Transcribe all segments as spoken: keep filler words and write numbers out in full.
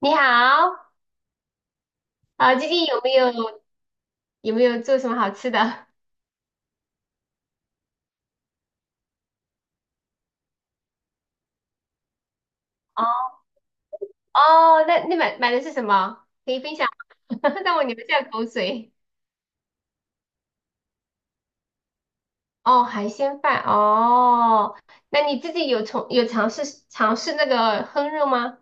你好，啊，最近有没有有没有做什么好吃的？哦，哦，那你买买的是什么？可以分享，让我流下口水。哦，海鲜饭，哦，那你自己有从有尝试尝试那个烹饪吗？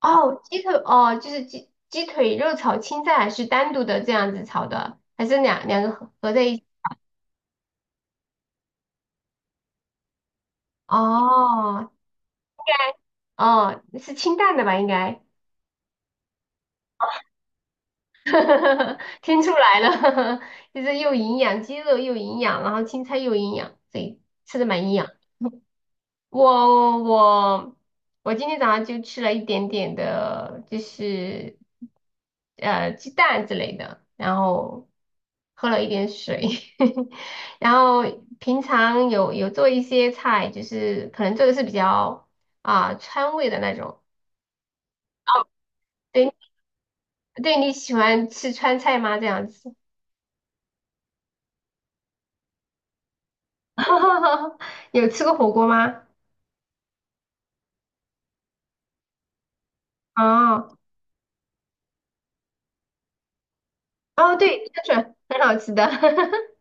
哦，鸡腿，哦，就是鸡鸡腿肉炒青菜，还是单独的这样子炒的，还是两两个合合在一起？哦，哦，是清淡的吧，应该。听出来了，就是又营养，鸡肉又营养，然后青菜又营养，对，吃的蛮营养。我我我今天早上就吃了一点点的，就是呃鸡蛋之类的，然后喝了一点水，然后平常有有做一些菜，就是可能做的是比较啊川味的那种。对对，你喜欢吃川菜吗？这样子。哈哈哈，有吃过火锅吗？哦哦，对，香肠很好吃的。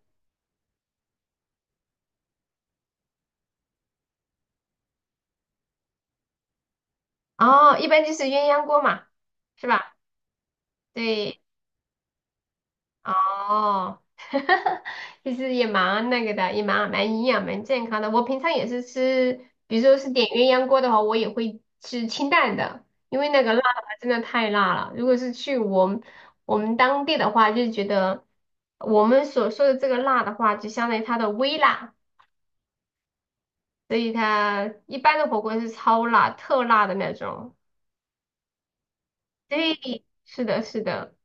哦，一般就是鸳鸯锅嘛，是吧？对，哦，其实也蛮那个的，也蛮蛮营养、蛮健康的。我平常也是吃，比如说是点鸳鸯锅的话，我也会吃清淡的，因为那个辣的话真的太辣了。如果是去我们我们当地的话，就觉得我们所说的这个辣的话，就相当于它的微辣。所以它一般的火锅是超辣、特辣的那种。对，是的，是的。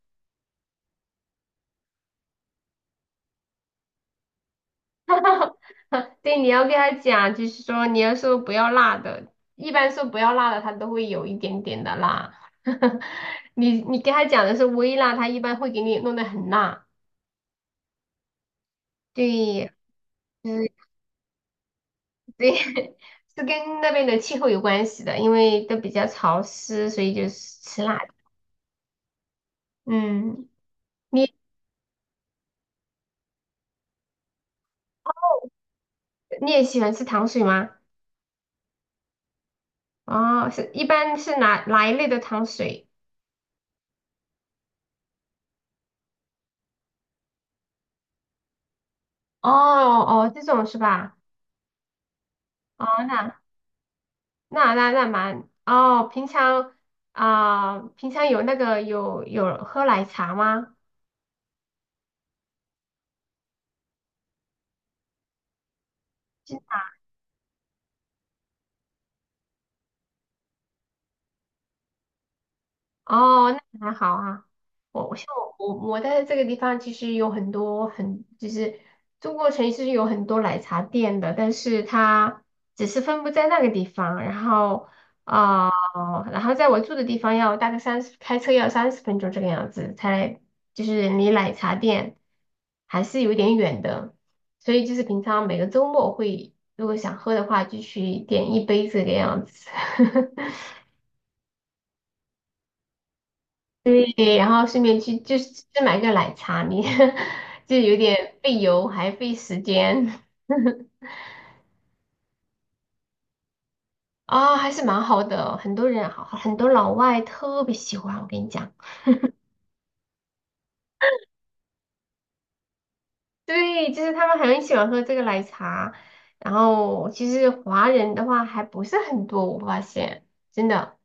对，你要跟他讲，就是说你要说不要辣的，一般说不要辣的，他都会有一点点的辣。你你跟他讲的是微辣，他一般会给你弄得很辣。对，就是对，是跟那边的气候有关系的，因为都比较潮湿，所以就是吃辣的嗯，你你也喜欢吃糖水吗？哦，是一般是哪哪一类的糖水？哦哦，这种是吧？哦，那那那那蛮哦，平常啊、平常有那个有有喝奶茶吗？哦，那还好啊。我我像我我在这个地方，其实有很多很就是中国城是有很多奶茶店的，但是它只是分布在那个地方，然后啊、呃然后在我住的地方要大概三十，开车要三十分钟这个样子，才就是离奶茶店还是有点远的，所以就是平常每个周末会，如果想喝的话，就去点一杯这个样子。对，然后顺便去就是去买个奶茶，你 就有点费油还费时间 啊、还是蛮好的。很多人好，很多老外特别喜欢，我跟你讲，对，就是他们很喜欢喝这个奶茶。然后其实华人的话还不是很多，我发现真的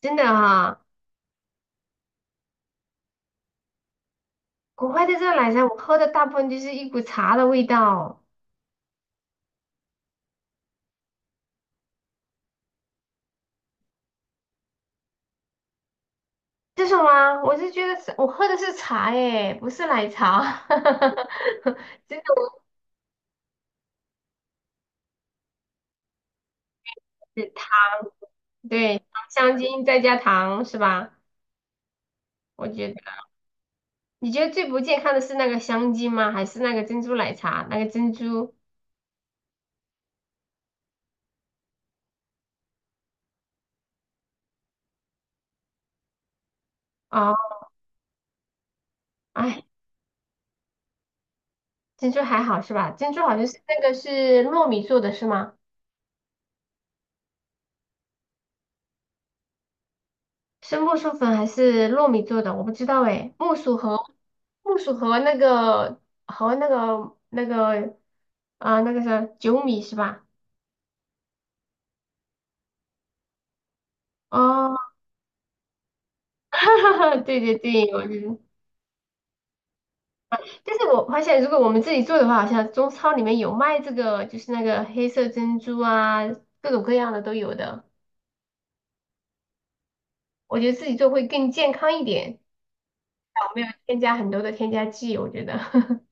真的哈、国外的这个奶茶我喝的大部分就是一股茶的味道，这什么？我是觉得是我喝的是茶哎，不是奶茶。真是糖，对，香精再加糖是吧？我觉得，你觉得最不健康的是那个香精吗？还是那个珍珠奶茶？那个珍珠哦，哎，珍珠还好是吧？珍珠好像是那个是糯米做的是吗？是木薯粉还是糯米做的？我不知道哎，木薯和木薯和那个和那个那个啊、那个是酒米是吧？哦，对对对，我知但是我发现，如果我们自己做的话，好像中超里面有卖这个，就是那个黑色珍珠啊，各种各样的都有的。我觉得自己做会更健康一点，没有添加很多的添加剂。我觉得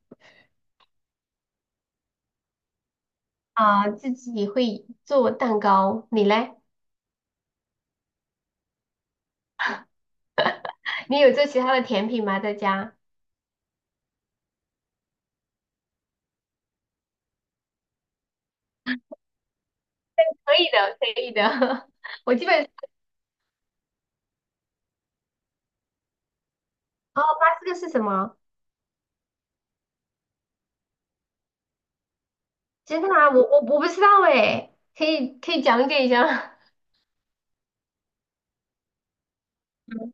啊，自己会做蛋糕，你嘞？你有做其他的甜品吗？在家？可以的，可以的。我基本哦，巴这个是什么？真的吗？我我我不知道哎，可以可以讲解一下吗 嗯，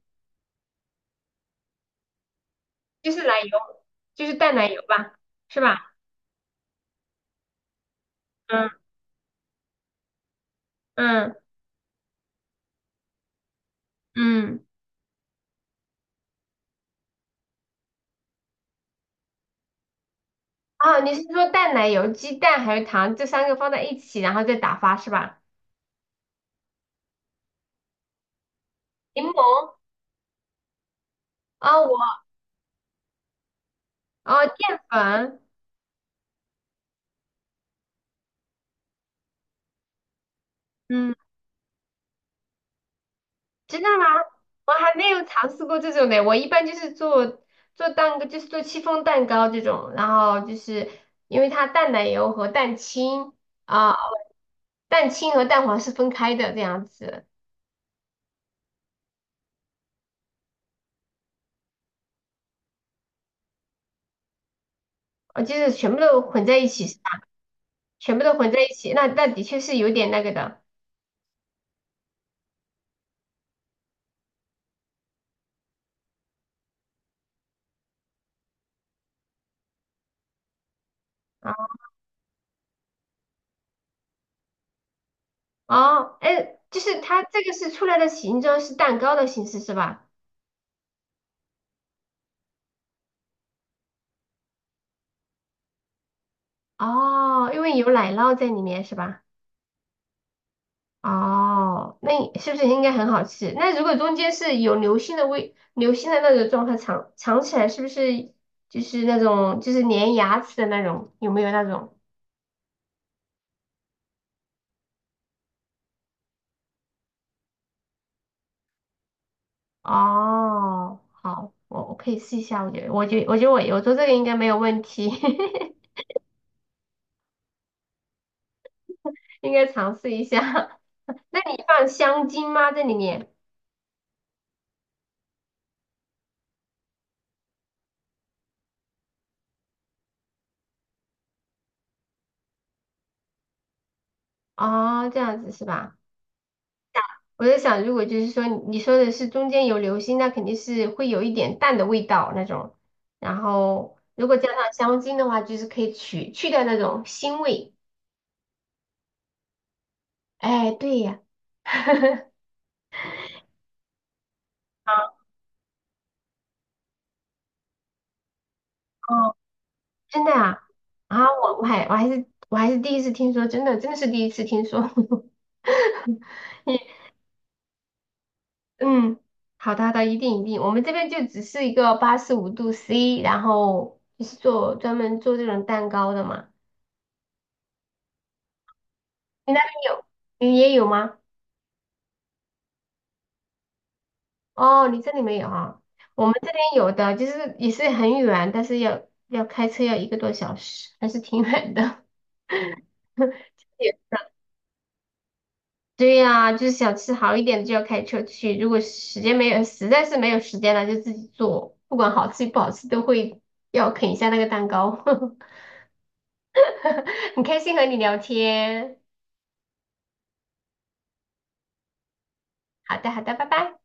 就是奶油，就是淡奶油吧，是吧？嗯嗯。嗯，啊，你是说淡奶油、鸡蛋还有糖这三个放在一起，然后再打发是吧？柠檬，啊，我哦淀粉，嗯，真的吗？我还没有尝试过这种的。我一般就是做做蛋糕，就是做戚风蛋糕这种，然后就是因为它淡奶油和蛋清啊、蛋清和蛋黄是分开的这样子，呃，就是全部都混在一起是吧？全部都混在一起，那那的确是有点那个的。啊。哦，哎，就是它这个是出来的形状是蛋糕的形式是吧？哦，因为有奶酪在里面是吧？哦，那你是不是应该很好吃？那如果中间是有流心的味，流心的那种状态尝尝起来是不是就是那种就是粘牙齿的那种？有没有那种？哦，好，我我可以试一下，我觉得我觉我觉得我我做这个应该没有问题，应该尝试一下。那你放香精吗？在里面？哦，这样子是吧？我在想，如果就是说你说的是中间有流心，那肯定是会有一点淡的味道那种。然后如果加上香精的话，就是可以去去掉那种腥味。哎，对呀，啊哦，真的啊，啊，我我还我还是我还是第一次听说，真的真的是第一次听说。你嗯，好的好的，一定一定，我们这边就只是一个八十五度 C，然后就是做专门做这种蛋糕的嘛。你那边有，你也有吗？哦，你这里没有啊？我们这边有的，就是也是很远，但是要要开车要一个多小时，还是挺远的。对呀，就是想吃好一点的就要开车去，如果时间没有，实在是没有时间了，就自己做，不管好吃不好吃都会要啃一下那个蛋糕。很开心和你聊天，好的好的，拜拜。